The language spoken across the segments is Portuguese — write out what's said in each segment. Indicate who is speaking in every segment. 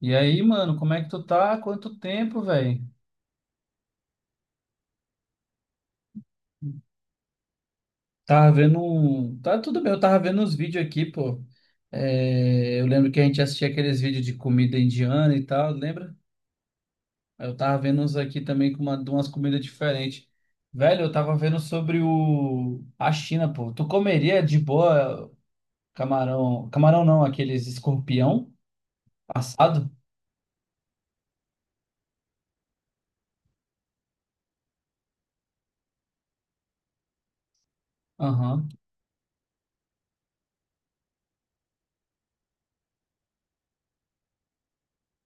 Speaker 1: E aí, mano, como é que tu tá? Quanto tempo, velho? Tá tudo bem, eu tava vendo uns vídeos aqui, pô. É, eu lembro que a gente assistia aqueles vídeos de comida indiana e tal, lembra? Aí eu tava vendo uns aqui também com de umas comidas diferentes. Velho, eu tava vendo sobre a China, pô. Tu comeria de boa camarão. Camarão não, aqueles escorpião assado? Aham.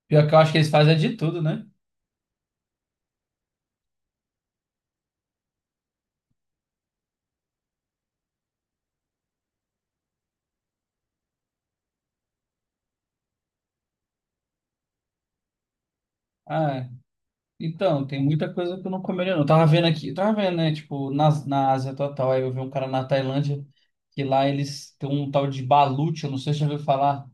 Speaker 1: Pior que eu acho que eles fazem é de tudo, né? Ah, então, tem muita coisa que eu não comeria, não. Eu tava vendo aqui, eu tava vendo, né? Tipo, na Ásia total, aí eu vi um cara na Tailândia, que lá eles têm um tal de balut, eu não sei se você já ouviu falar.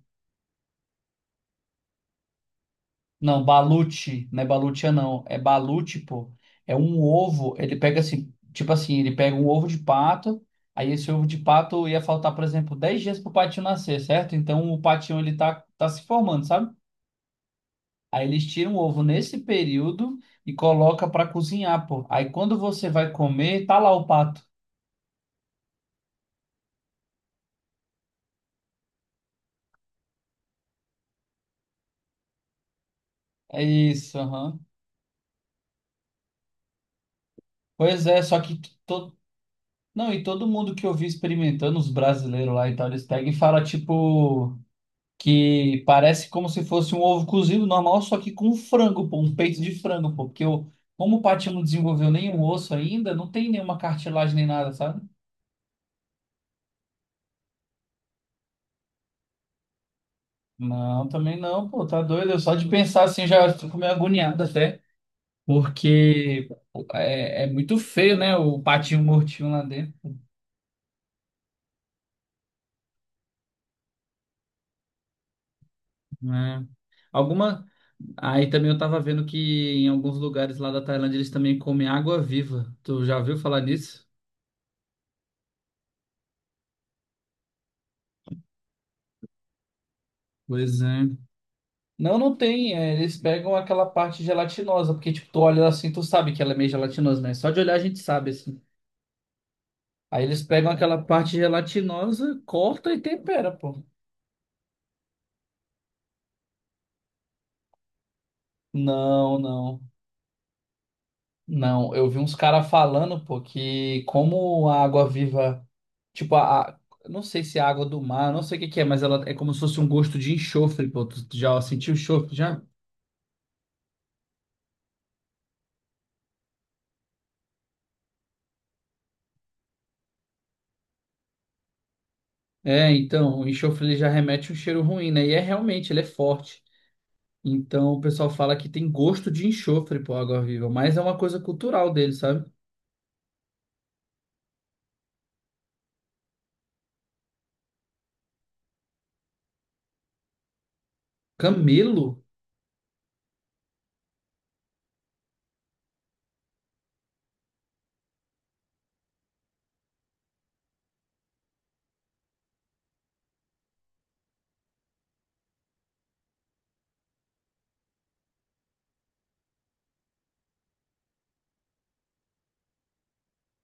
Speaker 1: Não, balut, não é balutia, não. É balut, pô. É um ovo, ele pega assim, tipo assim, ele pega um ovo de pato, aí esse ovo de pato ia faltar, por exemplo, 10 dias pro patinho nascer, certo? Então o patinho, ele tá se formando, sabe? Aí eles tiram o ovo nesse período e coloca para cozinhar, pô. Aí quando você vai comer, tá lá o pato. É isso, aham. Pois é, só que todo... Não, e todo mundo que eu vi experimentando, os brasileiros lá e tal, eles pegam e falam, tipo, que parece como se fosse um ovo cozido normal, só que com frango, pô, um peito de frango, pô. Porque eu, como o patinho não desenvolveu nenhum osso ainda, não tem nenhuma cartilagem nem nada, sabe? Não, também não, pô, tá doido. Eu só de pensar assim já fico meio agoniado até. Porque é muito feio, né? O patinho mortinho lá dentro. Né? Alguma. Aí também eu tava vendo que em alguns lugares lá da Tailândia eles também comem água viva. Tu já ouviu falar nisso? Pois é. Não, não tem. Eles pegam aquela parte gelatinosa, porque tipo, tu olha assim, tu sabe que ela é meio gelatinosa, né? Só de olhar a gente sabe, assim. Aí eles pegam aquela parte gelatinosa, corta e tempera, pô. Não, não. Não, eu vi uns caras falando, pô, que como a água viva. Tipo, não sei se é água do mar, não sei o que que é, mas ela é como se fosse um gosto de enxofre, pô. Tu já sentiu enxofre? Já? É, então, o enxofre ele já remete um cheiro ruim, né? E é realmente, ele é forte. Então, o pessoal fala que tem gosto de enxofre, pô, água-viva, mas é uma coisa cultural dele, sabe? Camelo?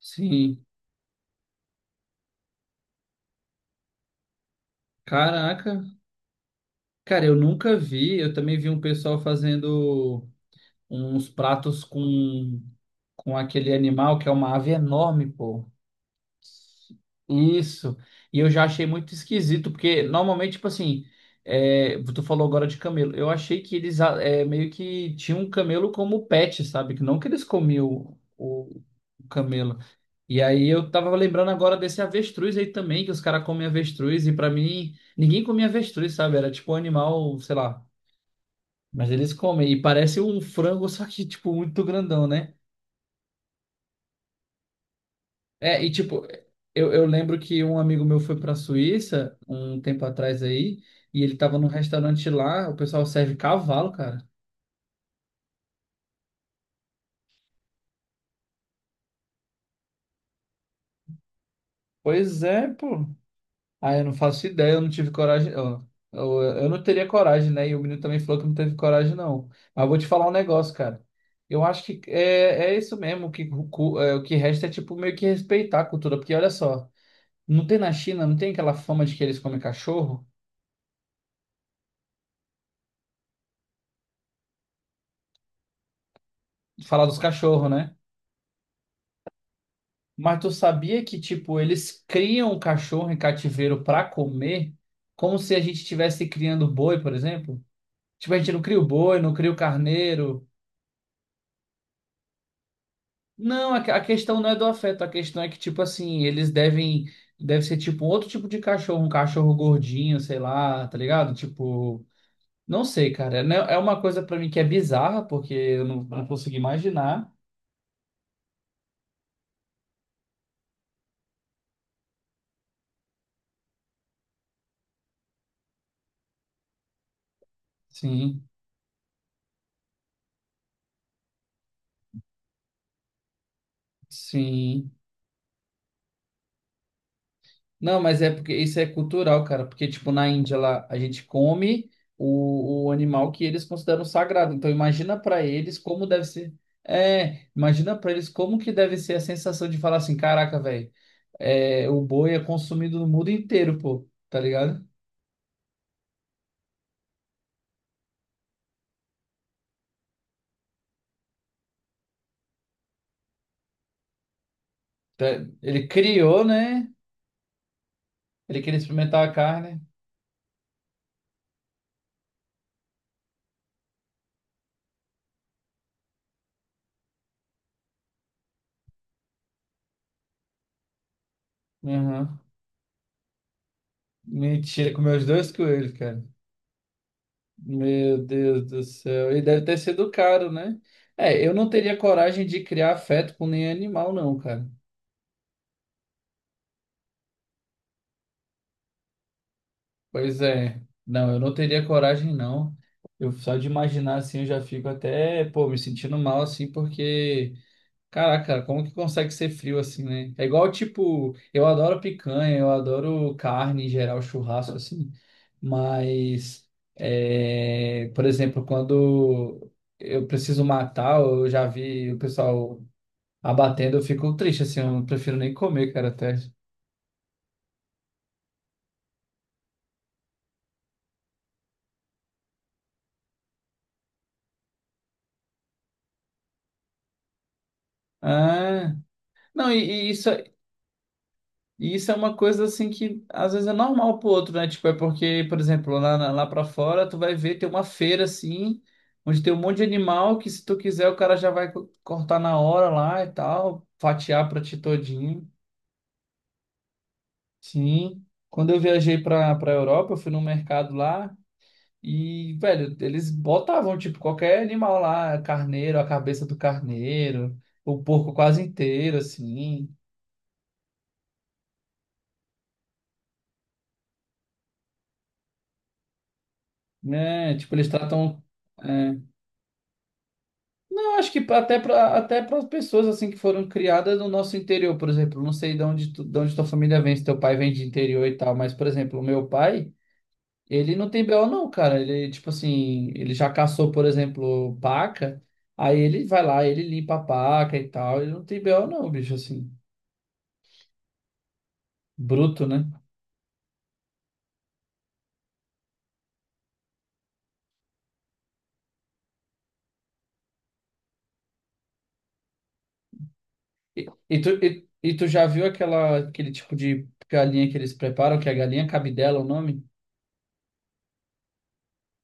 Speaker 1: Sim. Caraca. Cara, eu nunca vi. Eu também vi um pessoal fazendo uns pratos com aquele animal que é uma ave enorme, pô. Isso. E eu já achei muito esquisito, porque normalmente, tipo assim, tu falou agora de camelo. Eu achei que eles meio que tinham um camelo como pet, sabe? Que não que eles comiam o camelo. E aí eu tava lembrando agora desse avestruz aí também, que os caras comem avestruz, e pra mim, ninguém comia avestruz, sabe? Era tipo um animal, sei lá. Mas eles comem. E parece um frango, só que, tipo, muito grandão, né? É, e tipo, eu lembro que um amigo meu foi pra Suíça um tempo atrás aí, e ele tava num restaurante lá, o pessoal serve cavalo, cara. Pois é, pô. Ah, eu não faço ideia, eu não tive coragem. Ó, eu não teria coragem, né? E o menino também falou que não teve coragem, não. Mas eu vou te falar um negócio, cara. Eu acho que é isso mesmo, o que resta é tipo meio que respeitar a cultura, porque olha só, não tem na China, não tem aquela fama de que eles comem cachorro? Falar dos cachorros, né? Mas tu sabia que, tipo, eles criam o cachorro em cativeiro para comer, como se a gente estivesse criando boi, por exemplo? Tipo, a gente não cria o boi, não cria o carneiro. Não, a questão não é do afeto, a questão é que, tipo assim, eles devem, deve ser tipo um outro tipo de cachorro, um cachorro gordinho, sei lá, tá ligado? Tipo, não sei, cara. É né, é uma coisa para mim que é bizarra, porque eu não consigo imaginar. Sim, sim. Não, mas é porque isso é cultural, cara. Porque, tipo, na Índia lá, a gente come o animal que eles consideram sagrado. Então, imagina pra eles como deve ser. É, imagina pra eles como que deve ser a sensação de falar assim: caraca, velho, o boi é consumido no mundo inteiro, pô, tá ligado? Tá- Ele criou, né? Ele queria experimentar a carne. Uhum. Mentira, comeu os dois coelhos, cara. Meu Deus do céu. E deve ter sido caro, né? É, eu não teria coragem de criar afeto com nenhum animal, não, cara. Pois é. Não, eu não teria coragem, não. Eu só de imaginar assim, eu já fico até, pô, me sentindo mal assim, porque, caraca, cara, como que consegue ser frio assim, né? É igual, tipo, eu adoro picanha, eu adoro carne em geral, churrasco assim, mas, por exemplo, quando eu preciso matar, eu já vi o pessoal abatendo, eu fico triste, assim, eu não prefiro nem comer, cara, até. Ah, não, e isso, é- e isso é uma coisa, assim, que às vezes é normal pro outro, né? Tipo, é porque, por exemplo, lá, lá pra fora, tu vai ver, tem uma feira, assim, onde tem um monte de animal que, se tu quiser, o cara já vai cortar na hora lá e tal, fatiar pra ti todinho. Sim. Quando eu viajei pra Europa, eu fui num mercado lá. E, velho, eles botavam, tipo, qualquer animal lá, carneiro, a cabeça do carneiro, o porco quase inteiro, assim, né? Tipo, eles tratam. é, Eu acho que até para as pessoas, assim, que foram criadas no nosso interior, por exemplo, não sei de onde, de onde tua família vem, se teu pai vem de interior e tal, mas, por exemplo, o meu pai, ele não tem BO, não, cara. Ele, tipo assim, ele já caçou, por exemplo, paca, aí ele vai lá, ele limpa a paca e tal, ele não tem BO, não, bicho, assim, bruto, né? E tu já viu aquela, aquele tipo de galinha que eles preparam, que é a galinha cabidela, o nome?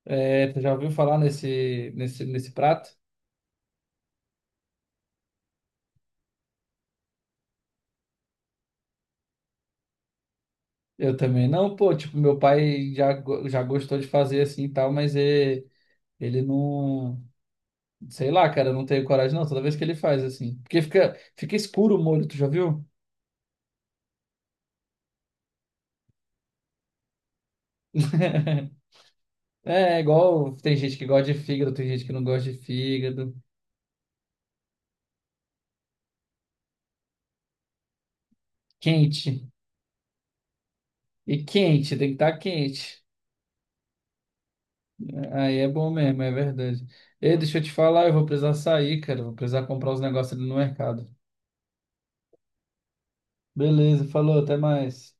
Speaker 1: É, tu já ouviu falar nesse prato? Eu também não, pô, tipo, meu pai já gostou de fazer assim e tal, mas ele não, sei lá, cara, eu não tenho coragem não, toda vez que ele faz assim. Porque fica escuro o molho, tu já viu? É, igual tem gente que gosta de fígado, tem gente que não gosta de fígado. Quente. E quente, tem que estar quente. Aí é bom mesmo, é verdade. Ei, deixa eu te falar, eu vou precisar sair, cara. Vou precisar comprar os negócios ali no mercado. Beleza, falou, até mais.